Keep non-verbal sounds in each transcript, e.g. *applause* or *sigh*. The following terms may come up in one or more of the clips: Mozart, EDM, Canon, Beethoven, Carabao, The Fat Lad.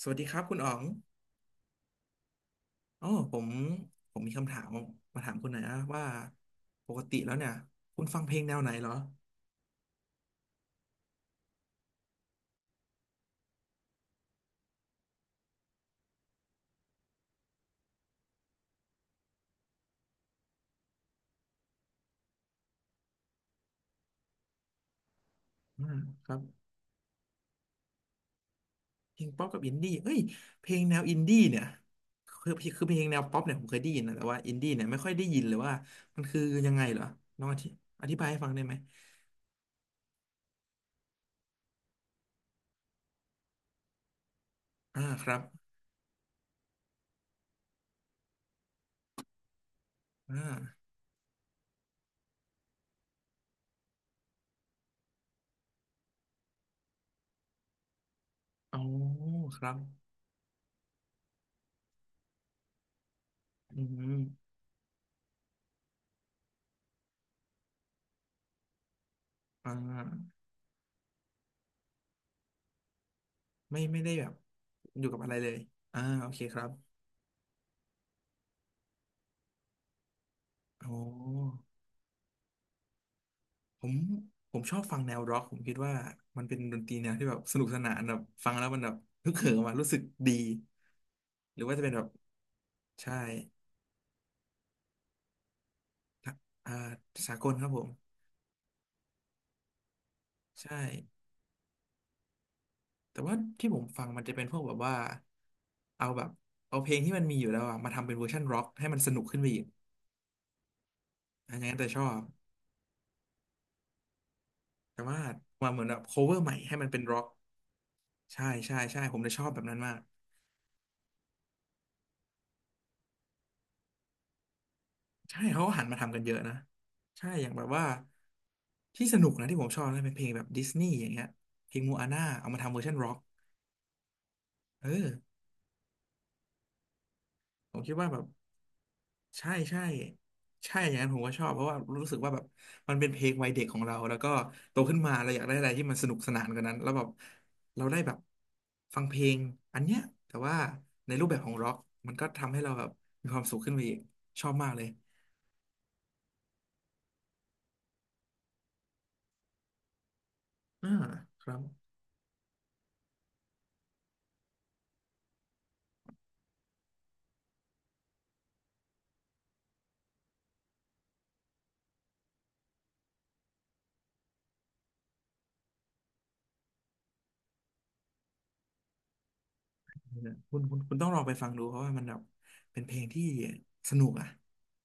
สวัสดีครับคุณอ๋องอ๋อผมมีคำถามมาถามคุณหน่อยนะว่าปกติแล้วเนี่ยคุณฟังเพลงแนวไหนเหรออ่าครับเพลงป๊อปกับอินดี้เอ้ยเพลงแนวอินดี้เนี่ยคือคือเพลงแนวป๊อปเนี่ยผมเคยได้ยินนะแต่ว่าอินดี้เนี่ยไม่ค่อยได้ยินเลยว่ามันคือยังไงเหรอลองอธิบายให้ฟังได้ไหมอ่าครับอ่าอ๋อครับอืมอ่าไม่ได้แบบอยู่กับอะไรเลยอ่าโอเคครับอ๋อ ผมผมชอบฟังแนวร็อกผมคิดว่ามันเป็นดนตรีแนวที่แบบสนุกสนานแบบฟังแล้วมันแบบฮึกเหิมอะรู้สึกดีหรือว่าจะเป็นแบบใช่ทะอ่าสากลครับผมใช่แต่ว่าที่ผมฟังมันจะเป็นพวกแบบว่าเอาแบบเอาเพลงที่มันมีอยู่แล้วอะมาทำเป็นเวอร์ชันร็อกให้มันสนุกขึ้นไปอีกอันอย่างนั้นแต่ชอบแต่ว่ามาเหมือนแบบโคเวอร์ใหม่ให้มันเป็นร็อกใช่ผมเลยชอบแบบนั้นมาก ใช่เขาหันมาทำกันเยอะนะใช่อย่างแบบว่าที่สนุกนะที่ผมชอบนะเป็นเพลงแบบดิสนีย์อย่างเงี้ยเพลงมูอาน่าเอามาทำเวอร์ชันร็อกเออผมคิดว่าแบบใช่ใช่ใช่อย่างนั้นผมก็ชอบเพราะว่ารู้สึกว่าแบบมันเป็นเพลงวัยเด็กของเราแล้วก็โตขึ้นมาเราอยากได้อะไรที่มันสนุกสนานกว่านั้นแล้วแบบเราได้แบบฟังเพลงอันเนี้ยแต่ว่าในรูปแบบของร็อกมันก็ทำให้เราแบบมีความสุขขึ้นไปอีกชอบมากเลยอ่าครับ คุณต้องลองไปฟังดูเพราะว่ามันแบบเป็นเพลงที่สนุกอะ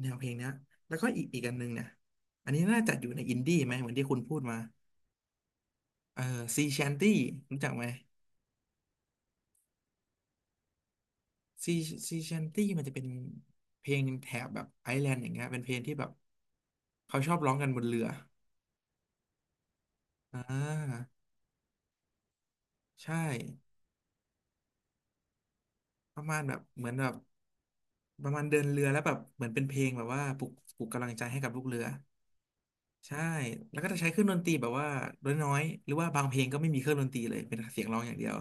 แนวเพลงเนี้ยแล้วก็อีกอันหนึงเนี่ยอันนี้น่าจะอยู่ในอินดี้ไหมเหมือนที่คุณพูดมาเออซีแชนตี้รู้จักไหมซีซีแชนตี้มันจะเป็นเพลงแถบแบบไอร์แลนด์อย่างเงี้ยเป็นเพลงที่แบบเขาชอบร้องกันบนเรืออ่าใช่ประมาณแบบเหมือนแบบประมาณเดินเรือแล้วแบบเหมือนเป็นเพลงแบบว่าปลุกกำลังใจให้กับลูกเรือ ใช่ แล้วก็จะใช้เครื่องดนตรีแบบว่าน้อยๆหรือว่าบางเพลงก็ไม่มีเครื่องดนตรีเลย เป็นเสียงร้องอย่างเดียว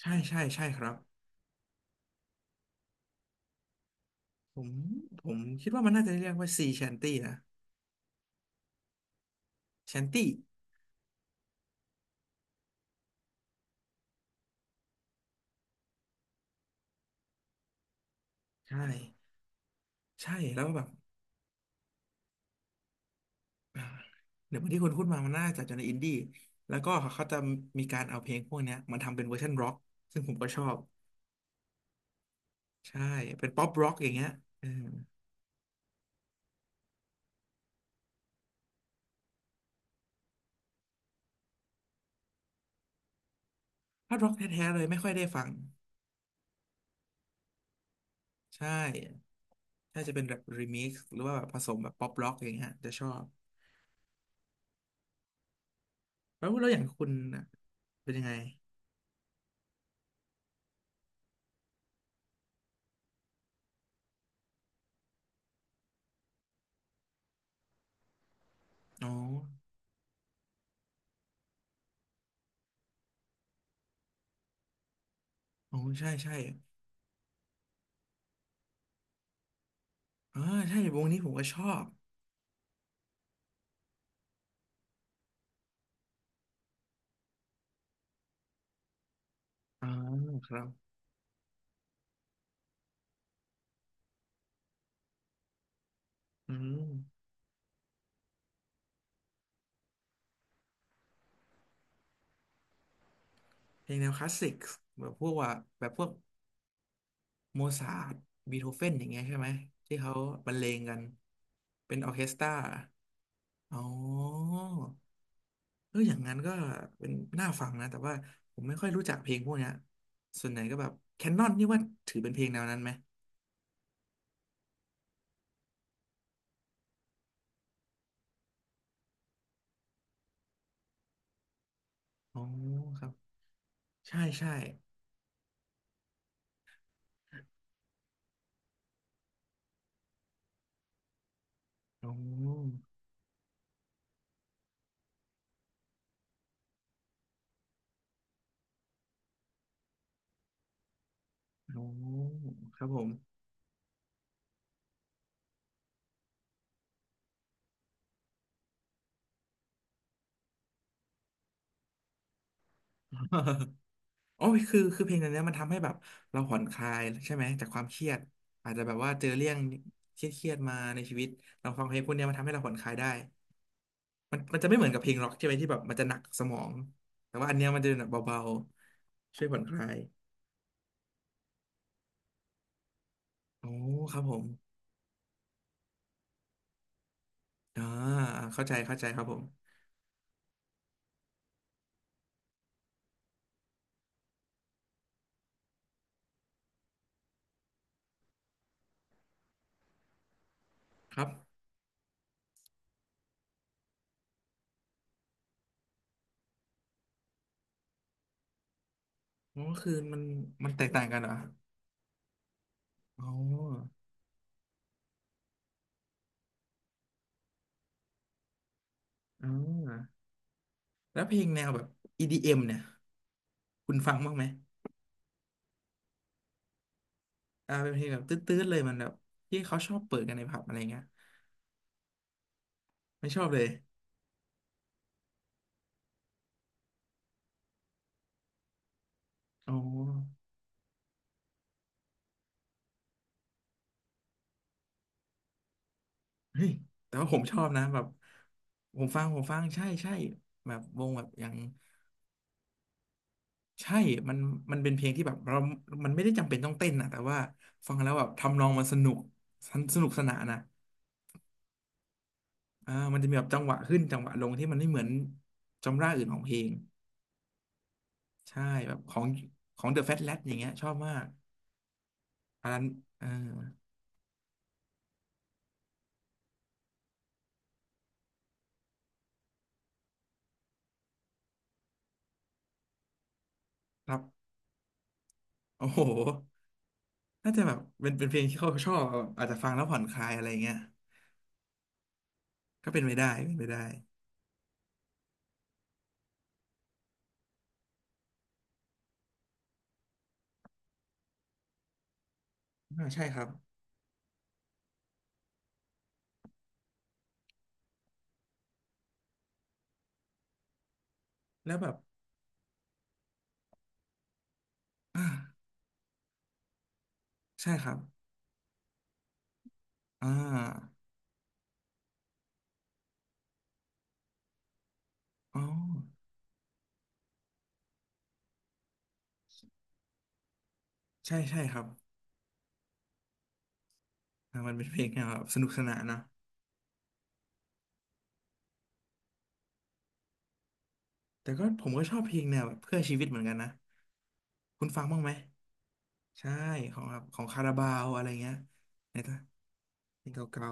ใช่ครับผมผมคิดว่ามันน่าจะเรียกว่าซีแชนตี้นะแชนตี้ใช่ใช่ แล้วก็แบบอ่าเดี๋ยวเหมือนที่คุณพูดมามันน่าจะอยู่ในอินดี้แล้วก็เขาจะมีการเอาเพลงพวกเนี้ยมาทำเป็นเวอร์ชันร็อกซึ่งผมก็ชอบ ใช่ เป็นป๊อปร็อกอย่างเงี้ยเออถ้าร็อกแท้ๆเลยไม่ค่อยได้ฟังใช่ถ้าจะเป็นแบบรีมิกซ์หรือว่าแบบผสมแบบป๊อปร็อกอย่างเงี้ยจะชอบ แล้วแล้วอย่างคุณน่ะเป็นยังไงอ๋ออ๋อใช่อ่าใช่วงนี้ผมก็ชอบอ่าครับอืมเพลงแนวคลาสสิกแบบพวกว่าแบบพวกโมซาร์ทบีโธเฟนอย่างเงี้ยใช่ไหมที่เขาบรรเลงกันเป็นออร์เคสตราอ๋อเอออย่างนั้นก็เป็นน่าฟังนะแต่ว่าผมไม่ค่อยรู้จักเพลงพวกเนี้ยส่วนไหนก็แบบแคนนอนนี่ว่าถือเป็นเพลงแนวนั้นไหมอ๋อครับใช่ใช่อ๋อ โอ้ครับผม *laughs* โอ้ยคือเพลงอันเนี้ยมันทำให้แบบเราผ่อนคลายใช่ไหมจากความเครียดอาจจะแบบว่าเจอเรื่องเครียดมาในชีวิตเราฟังเพลงพวกเนี้ยมันทำให้เราผ่อนคลายได้มันจะไม่เหมือนกับเพลงร็อกใช่ไหมที่แบบมันจะหนักสมองแต่ว่าอันเนี้ยมันจะแบบเบาๆช่วยผ่อนคลายโอ้ครับผมอ่าเข้าใจครับผมครับอ๋อคือมันแตกต่างกันเหรออ๋ออ่าแล้วเพลงแนวแบบ EDM เอ็มเนี่ยคุณฟังบ้างไหม อ่าเป็นเพลงแบบตื้ดๆเลยมันแบบที่เขาชอบเปิดกันในผับอะไรเงี้ยไม่ชอบเลยอ๋อเฮ้ยแต่ว่าผมชอบนะแบบผมฟังใช่ใช่แบบวงแบบอย่างใช่มันมันเป็นเพลงที่แบบเรามันไม่ได้จำเป็นต้องเต้นนะแต่ว่าฟังแล้วแบบทำนองมันสนุกสนุกสนานนะอ่ามันจะมีแบบจังหวะขึ้นจังหวะลงที่มันไม่เหมือนจำราอื่นของเพลงใช่แบบของ The Fat Lad อย่างเงี้ยชอบมากอันนั้นเออครับโอ้โห น่าจะแบบเป็นเป็นเพลงที่เขาชอบแบบอาจจะฟังแล้วผ่อนคลายอะไรเงี้ยก็เป็นไปได้อ่าใช่ครับแล้วแบบอ่าใช่ครับอ่าอ๋อใช่ใช่ครับอ่ามันเป็นเพลงแนวแบบสนุกสนานนะแต่ก็ผมก็ชอบเพลงแนวแบบเพื่อชีวิตเหมือนกันนะคุณฟังบ้างไหมใช่ของแบบของคาราบาวอะไรเงี้ยในตะเพลงเก่า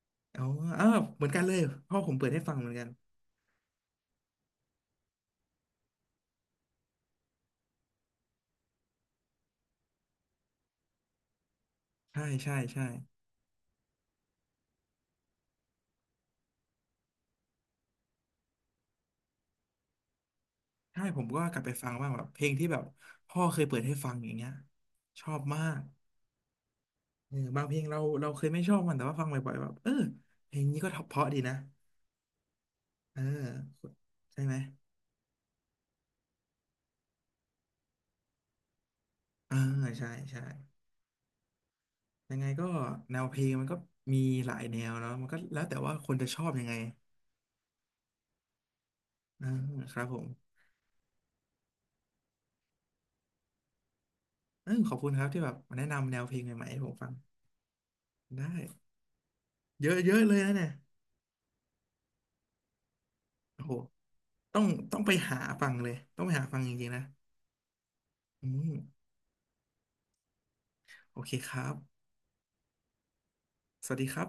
ๆเอ๋ออาวเหมือนกันเลยพ่อผมเปิดให้ฟังเหมือนกันใช่ใช่ใช่ ใช่ผมก็กลับไปฟังบ้างแบบเพลงที่แบบพ่อเคยเปิดให้ฟังอย่างเงี้ยชอบมากเออบางเพลงเราเคยไม่ชอบมันแต่ว่าฟังบ่อยๆแบบเออเพลงนี้ก็เพราะดีนะเออใช่ไหมเออใช่ใช่ยังไงก็แนวเพลงมันก็มีหลายแนวเนาะมันก็แล้วแต่ว่าคนจะชอบยังไงเออครับผมเออขอบคุณครับที่แบบมาแนะนำแนวเพลงใหม่ๆให้ผมฟังได้เยอะเยอะเลยนะเนี่ยโอ้โหต้องต้องไปหาฟังเลยต้องไปหาฟังจริงๆนะอืมโอเคครับสวัสดีครับ